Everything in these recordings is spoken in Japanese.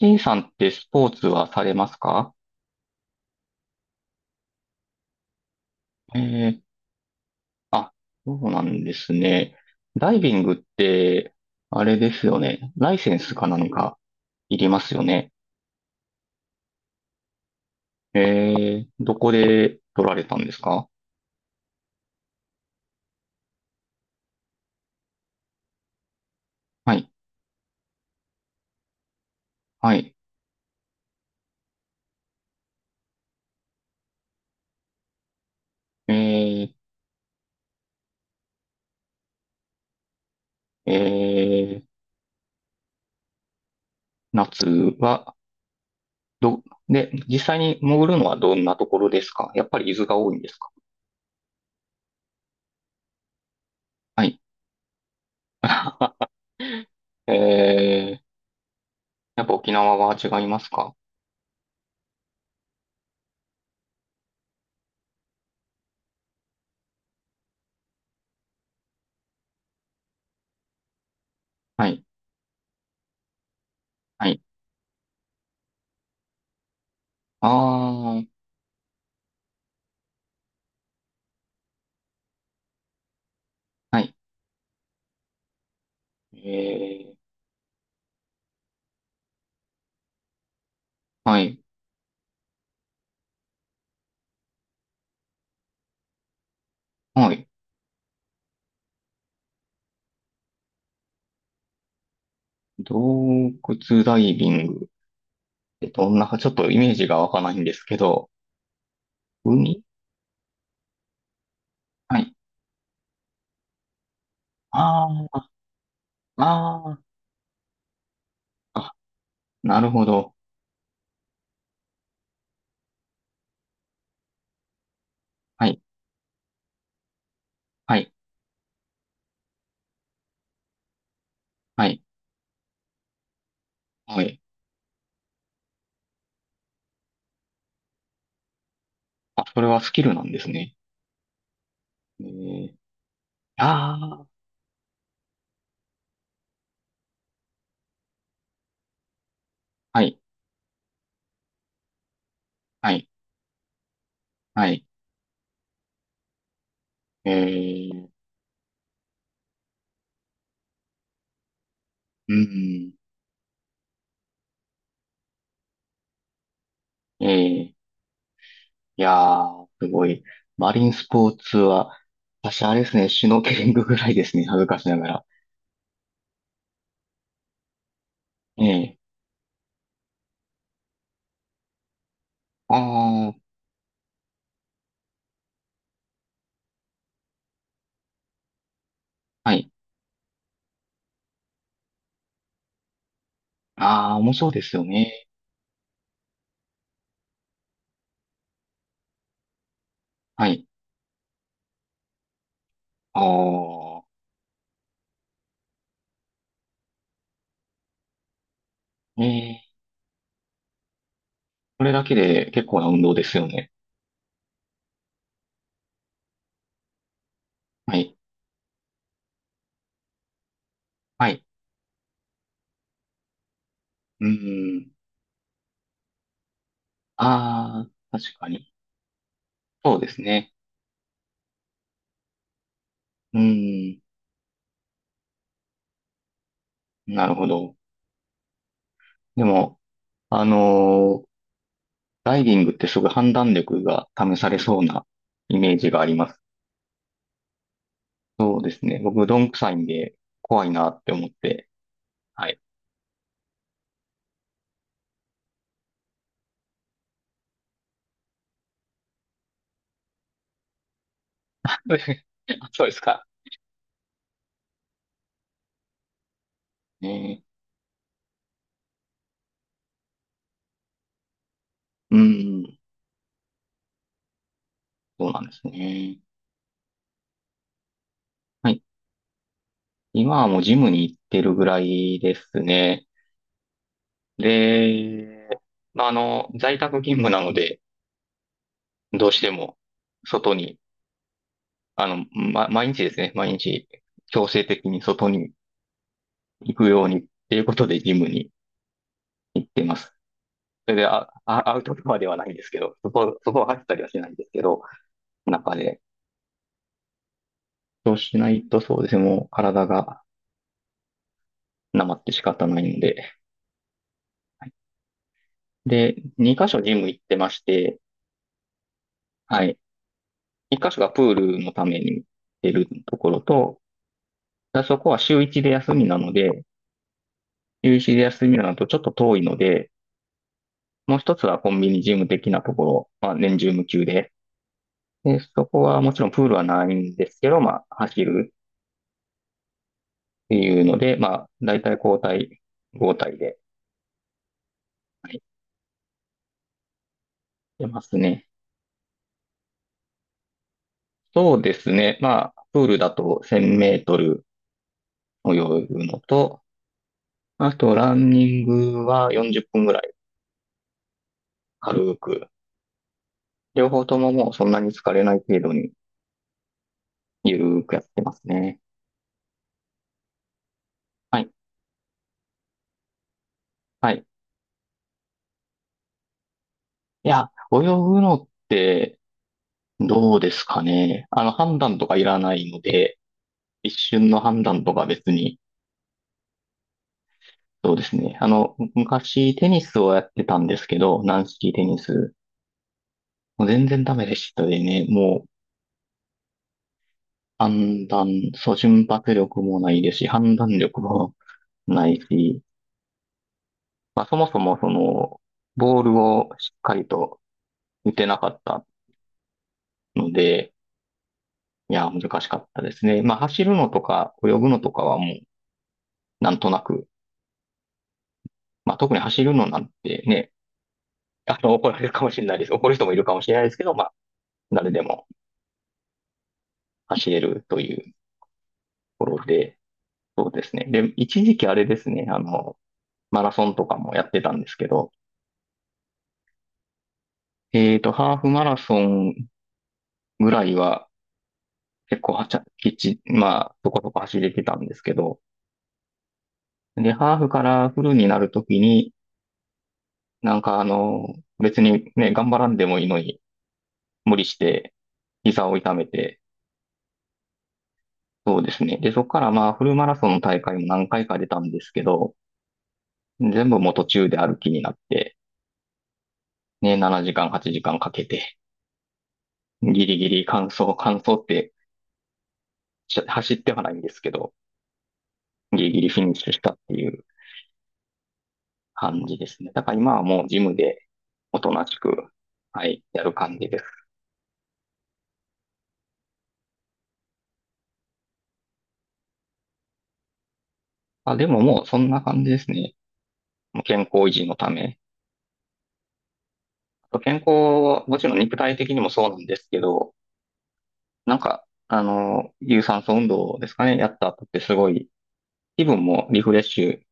T さんってスポーツはされますか？ええ、あ、そうなんですね。ダイビングって、あれですよね。ライセンスかなんかいりますよね。ええどこで取られたんですか？はい、はい。えええー、夏は、ど、で、実際に潜るのはどんなところですか？やっぱり伊豆が多いんですか？はい。ええやっぱ沖縄は違いますか？はい、はい。ああ。はいええはい。はい。洞窟ダイビング。え、どんな、ちょっとイメージがわかないんですけど、海はい。ああ、ああ、あ、なるほど。はい。はい。はい。はい。あ、それはスキルなんですね。ええああ、はい。はい。はい。えーうん。えーいやー、すごい。マリンスポーツは、私あれですね、シュノーケリングぐらいですね、恥ずかしながら。ええああ、はい。ああ、もうそうですよね。はい。ああ、ええこれだけで結構な運動ですよね。はい。はい。うーん。ああ、確かに。そうですね。うーん。なるほど。でも、あのーダイビングってすごい判断力が試されそうなイメージがあります。そうですね。僕、どんくさいんで怖いなって思って。はい。あそうですか。ねえうーん。そうなんですね。はい、今はもうジムに行ってるぐらいですね。で、まあ、あの、在宅勤務なので、どうしても外に、あの、ま、毎日ですね、毎日強制的に外に行くようにっていうことでジムに行ってます。それで、あ、あアウトドアではないんですけど、そこ、そこは走ったりはしないんですけど、中で。そうしないとそうですね、もう体がなまって仕方ないので。はい、で、2箇所ジム行ってまして、はい。一箇所がプールのために出るところと、あそこは週一で休みなので、週一で休みなのとちょっと遠いので、もう一つはコンビニジム的なところ、まあ年中無休で、で、そこはもちろんプールはないんですけど、まあ走るっていうので、まあ大体交代、交代で、はい、出ますね。そうですね。まあ、プールだと1000メートル泳ぐのと、あとランニングは40分ぐらい軽く、両方とももうそんなに疲れない程度にゆるーくやってますね。はい。はい。いや、泳ぐのってどうですかね。あの、判断とかいらないので、一瞬の判断とか別に、そうですね。あの、む昔テニスをやってたんですけど、軟式テニス。もう全然ダメでしたでね、もう判断、そう、瞬発力もないですし、判断力もないし、まあそもそもその、ボールをしっかりと打てなかったので、いや、難しかったですね。まあ、走るのとか、泳ぐのとかはもう、なんとなく、まあ、特に走るのなんてね、あの、怒られるかもしれないです。怒る人もいるかもしれないですけど、まあ、誰でも走れるというところで、そうですね。で、一時期あれですね、あの、マラソンとかもやってたんですけど、ハーフマラソンぐらいは、結構はちゃ、きっち、まあ、そこそこ走れてたんですけど、で、ハーフからフルになるときに、なんかあの、別にね、頑張らんでもいいのに、無理して、膝を痛めて、そうですね。で、そこからまあ、フルマラソンの大会も何回か出たんですけど、全部もう途中で歩きになって、ね、7時間、8時間かんかけて、ギリギリ完走、完走ってし走ってはないんですけど、ギリギリフィニッシュしたっていう感じですね。だから今はもうジムでおとなしく、はい、やる感じです。あ、でももうそんな感じですね。もう健康維持のため。あと健康、もちろん肉体的にもそうなんですけど、なんか、あの、有酸素運動ですかね、やった後ってすごい気分もリフレッシュ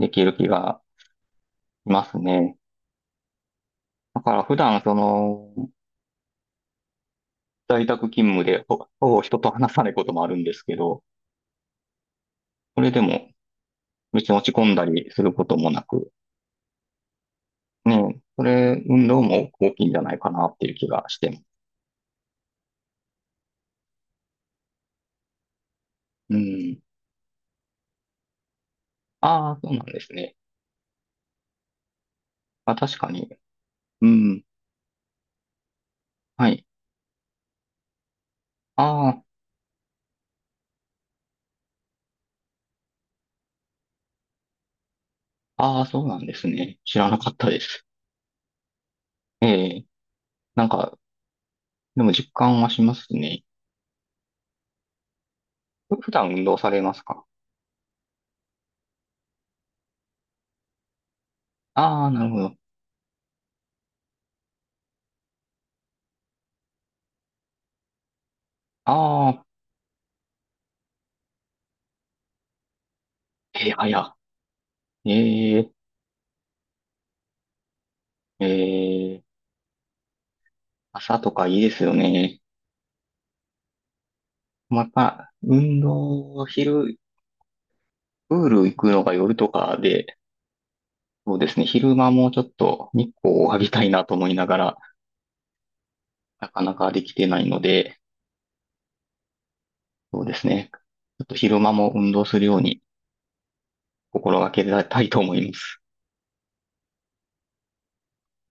できる気がしますね。だから普段その、在宅勤務でほほぼ人と話さないこともあるんですけど、それでも別に落ち込んだりすることもなく、ね、それ運動も大きいんじゃないかなっていう気がしてます。うん。ああ、そうなんですね。あ、確かに。うん。はい。ああ、ああ、そうなんですね。知らなかったです。ええ。なんか、でも実感はしますね。ふ普段運動されますか？ああー、なるほど。ああ、えー、早。えー、えー、朝とかいいですよね。また、運動、昼、プール行くのが夜とかで、そうですね、昼間もちょっと日光を浴びたいなと思いながら、なかなかできてないので、そうですね。ちょっと昼間も運動するように心がけたいと思います。